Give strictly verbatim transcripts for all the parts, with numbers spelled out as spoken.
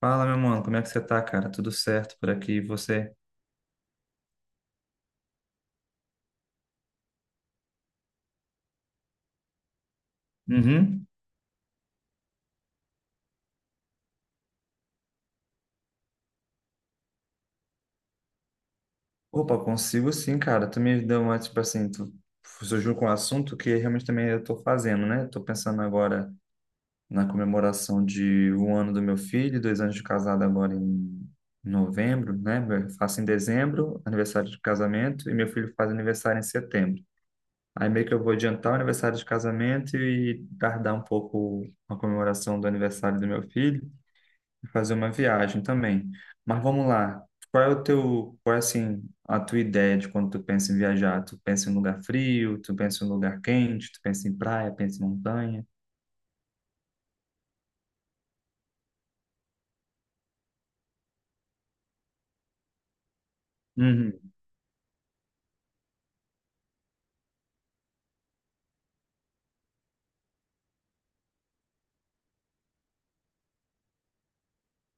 Fala, meu mano, como é que você tá, cara? Tudo certo por aqui? E você? Uhum. Opa, consigo sim, cara. Tu me deu uma, tipo assim, tu surgiu com um assunto que realmente também eu tô fazendo, né? Tô pensando agora na comemoração de um ano do meu filho, dois anos de casado agora em novembro, né? Eu faço em dezembro, aniversário de casamento, e meu filho faz aniversário em setembro. Aí meio que eu vou adiantar o aniversário de casamento e tardar um pouco a comemoração do aniversário do meu filho. Fazer uma viagem também. Mas vamos lá. Qual é o teu, qual é assim, a tua ideia de quando tu pensa em viajar? Tu pensa em um lugar frio, tu pensa em um lugar quente, tu pensa em praia, pensa em montanha? Uhum,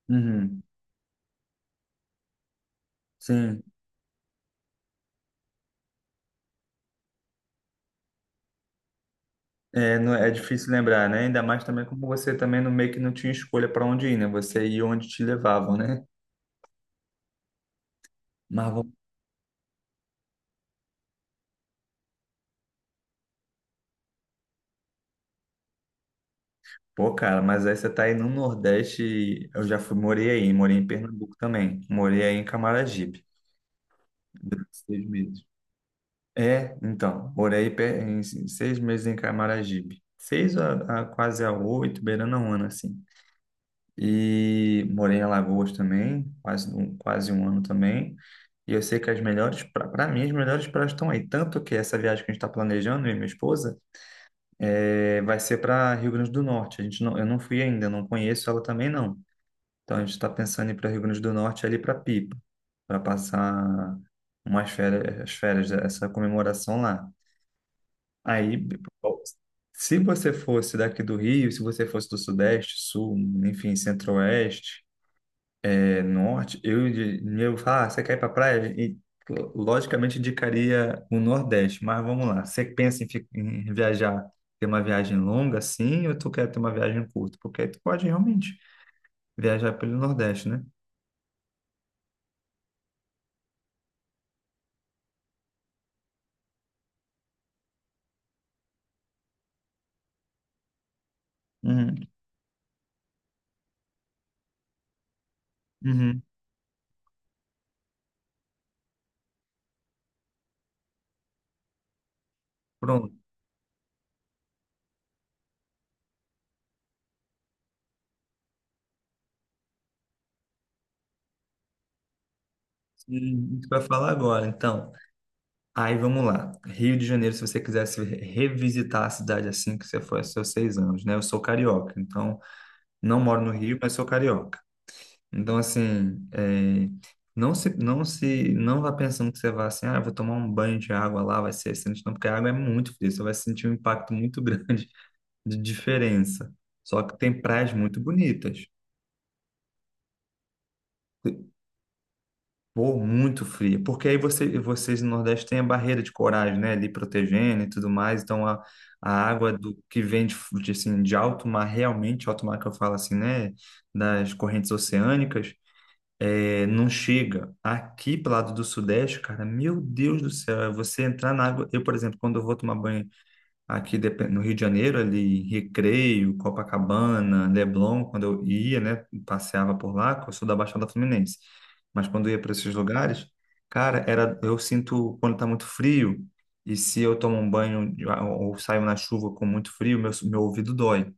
uhum. Sim. É, não, é difícil lembrar, né? Ainda mais também como você também no meio que não tinha escolha para onde ir, né? Você ia onde te levavam, né? Mas vamos... Pô, cara, mas aí você tá aí no Nordeste, e eu já fui, morei aí, morei em Pernambuco também, morei aí em Camaragibe, durante seis meses. É, então, morei pe- em seis meses em Camaragibe. Seis a, a quase a oito, beirando a um ano, assim. E morei em Alagoas também, quase, um- quase um ano também. E eu sei que as melhores, para mim, as melhores praias estão aí. Tanto que essa viagem que a gente está planejando, eu e minha esposa, é, vai ser para Rio Grande do Norte. A gente não, eu não fui ainda, não conheço ela também não. Então a gente está pensando em ir para Rio Grande do Norte ali para Pipa, para passar umas férias, as férias, essa comemoração lá. Aí, se você fosse daqui do Rio, se você fosse do Sudeste, Sul, enfim, Centro-Oeste, eh, Norte, eu, de- eu falar, ah, você quer ir para praia? E, lo- logicamente, indicaria o Nordeste, mas vamos lá. Você pensa em, fi- em viajar, ter uma viagem longa, sim, ou tu quer ter uma viagem curta? Porque aí tu pode realmente viajar pelo Nordeste, né? Uhum, uhum. Pronto. E, tu vai falar agora, então. Aí vamos lá. Rio de Janeiro, se você quisesse revisitar a cidade assim que você foi aos seus seis anos, né? Eu sou carioca, então não moro no Rio, mas sou carioca. Então, assim, é, não se, não se, não vá pensando que você vai assim, ah, eu vou tomar um banho de água lá, vai ser excelente, não, porque a água é muito fria, você vai sentir um impacto muito grande de diferença. Só que tem praias muito bonitas. Pô, muito fria, porque aí você, vocês no Nordeste têm a barreira de coragem, né, ali protegendo e tudo mais, então a, a água do que vem de, fu- de, assim, de alto mar, realmente, alto mar que eu falo assim, né, das correntes oceânicas, é, não chega. Aqui pro lado do Sudeste, cara, meu Deus do céu, é você entrar na água, eu, por exemplo, quando eu vou tomar banho. Aqui depen- no Rio de Janeiro, ali, em Recreio, Copacabana, Leblon, quando eu ia, né, passeava por lá, que eu sou da Baixada Fluminense. Mas quando eu ia para esses lugares, cara, era, eu sinto quando está muito frio, e se eu tomo um banho ou ou saio na chuva com muito frio, meu, meu ouvido dói.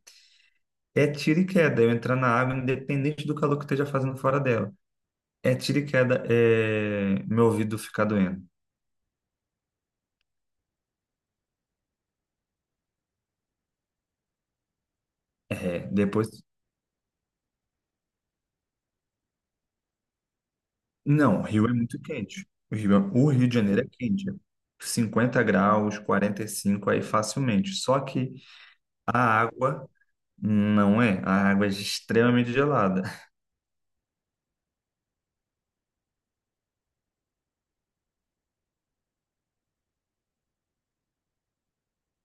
É tiro e queda, eu entrar na água, independente do calor que eu esteja fazendo fora dela. É tiro e queda, é, meu ouvido ficar doendo. É, depois. Não, o Rio é muito quente. O Rio, é- o Rio de Janeiro é quente. É cinquenta graus, quarenta e cinco aí facilmente. Só que a água não é. A água é extremamente gelada.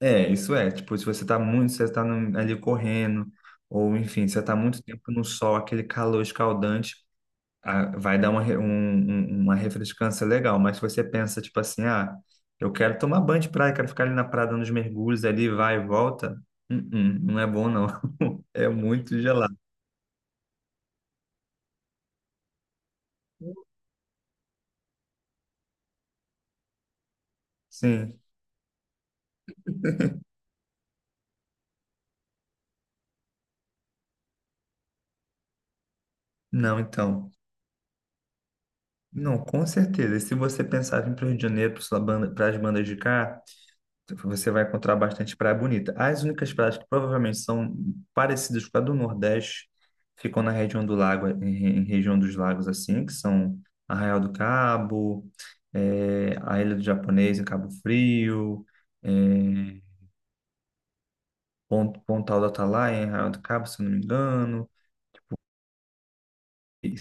É, isso é. Tipo, se você tá muito, você tá no- ali correndo, ou enfim, você tá muito tempo no sol, aquele calor escaldante, a- vai dar uma, re- um- um- uma refrescância legal, mas se você pensa, tipo assim, ah, eu quero tomar banho de praia, quero ficar ali na praia dando os mergulhos ali, vai e volta. Hum, hum, não é bom não, é muito gelado. Sim, não, então, não, com certeza, e se você pensava em ir para o Rio de Janeiro, para as bandas de cá, você vai encontrar bastante praia bonita. As únicas praias que provavelmente são parecidas com a do Nordeste ficam na região do lago, em, em região dos lagos assim, que são Arraial do Cabo, eh, a Ilha do Japonês em Cabo Frio, eh, Pon- Pontal do Atalaia em Arraial do Cabo, se eu não me engano. E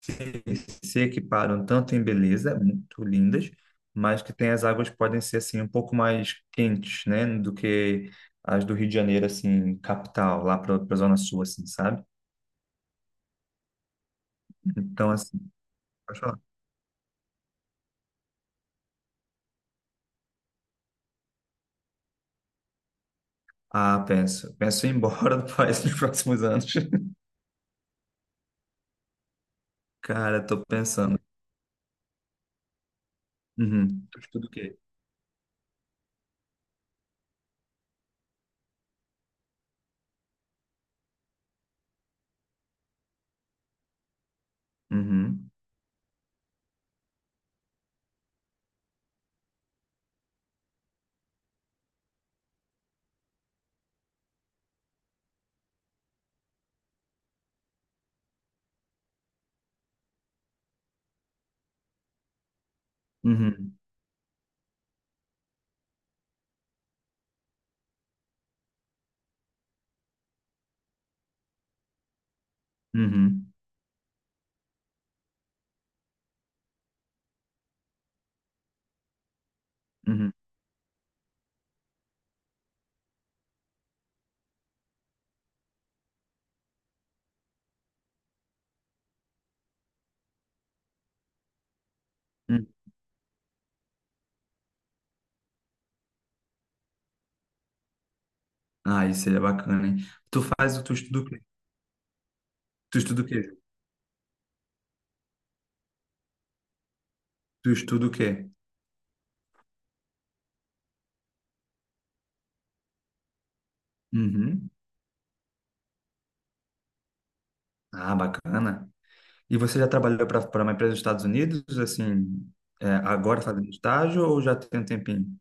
se, se equiparam tanto em beleza, é muito lindas, mas que tem as águas que podem ser assim um pouco mais quentes, né, do que as do Rio de Janeiro, assim, capital, lá para a Zona Sul, assim, sabe? Então, assim, pode falar. Ah, penso. Penso em ir embora do país nos próximos anos. Cara, tô pensando. Uhum. Tu estuda o quê? Uhum. Uhum. Uhum. Uhum. Uhum. Ah, isso seria bacana, hein? Tu faz, tu estuda o quê? Tu estuda o quê? Tu estuda o quê? Uhum. Ah, bacana. E você já trabalhou para para uma empresa dos Estados Unidos, assim, é, agora fazendo estágio ou já tem um tempinho?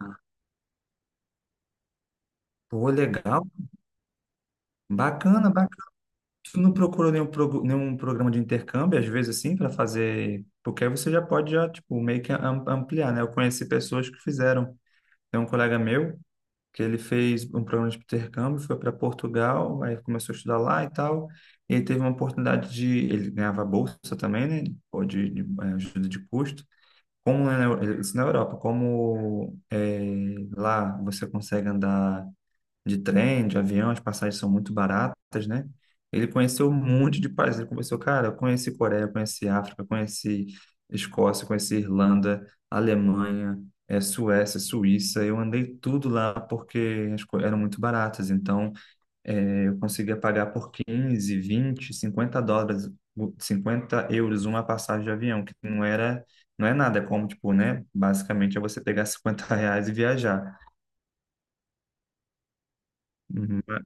Ah, pô, legal. Bacana, bacana. Tu não procurou nenhum, prog- nenhum programa de intercâmbio, às vezes, assim, para fazer. Porque aí você já pode, já, tipo, meio que am- ampliar, né? Eu conheci pessoas que fizeram. Tem um colega meu que ele fez um programa de intercâmbio, foi para Portugal, aí começou a estudar lá e tal. E ele teve uma oportunidade de. Ele ganhava bolsa também, né? Ou de, de eh, ajuda de custo. Como lá na, Eu- isso na Europa, como é, lá você consegue andar de trem, de avião, as passagens são muito baratas, né? Ele conheceu um monte de países. Ele conversou, cara, eu conheci Coreia, eu conheci África, eu conheci Escócia, eu conheci Irlanda, Alemanha, é, Suécia, Suíça. Eu andei tudo lá porque as coisas eram muito baratas. Então, é, eu conseguia pagar por quinze, vinte, cinquenta dólares, o- cinquenta euros uma passagem de avião, que não era, não é nada, é como, tipo, né? Basicamente é você pegar cinquenta reais e viajar. Ma-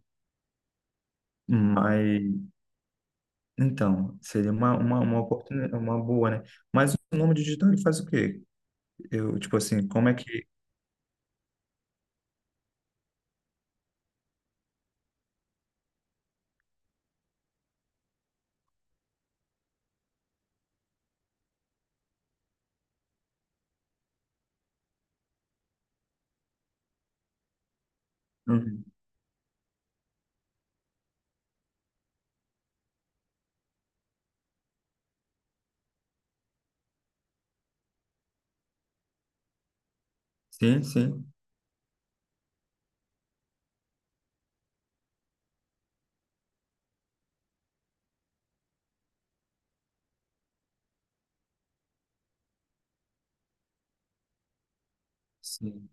Mas, então, seria uma, uma, uma oportunidade, uma boa, né? Mas o nome digital ele faz o quê? Eu, tipo assim, como é que. Uhum. Sim, sim, sim.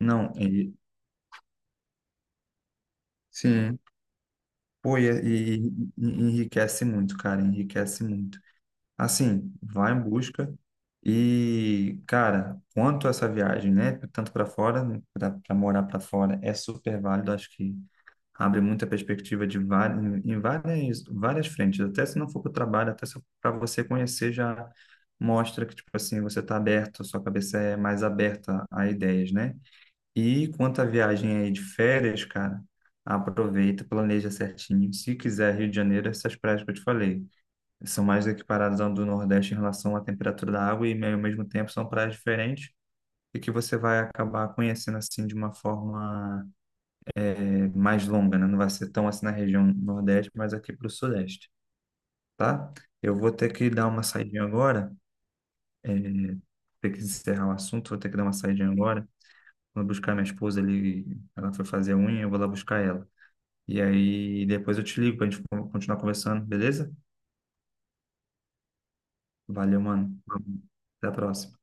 Não, e, sim. Pô, e, e- e enriquece muito, cara, enriquece muito. Assim, vá em busca. E, cara, quanto a essa viagem, né? Tanto para fora, né, para morar para fora, é super válido. Acho que abre muita perspectiva de várias, em várias, várias frentes. Até se não for para o trabalho, até para você conhecer, já mostra que, tipo assim, você está aberto, sua cabeça é mais aberta a ideias, né? E quanto à viagem aí de férias, cara, aproveita, planeja certinho. Se quiser Rio de Janeiro, essas praias que eu te falei são mais equiparadas ao do Nordeste em relação à temperatura da água e, ao mesmo tempo, são praias diferentes e que você vai acabar conhecendo assim de uma forma eh, mais longa, né? Não vai ser tão assim na região Nordeste, mas aqui para o Sudeste, tá? Eu vou ter que dar uma saidinha agora, eh, ter que encerrar o assunto, vou ter que dar uma saidinha agora. Vou buscar minha esposa ali, ela foi fazer a unha, eu vou lá buscar ela. E aí depois eu te ligo para a gente con- continuar conversando, beleza? Valeu, mano. Até a próxima.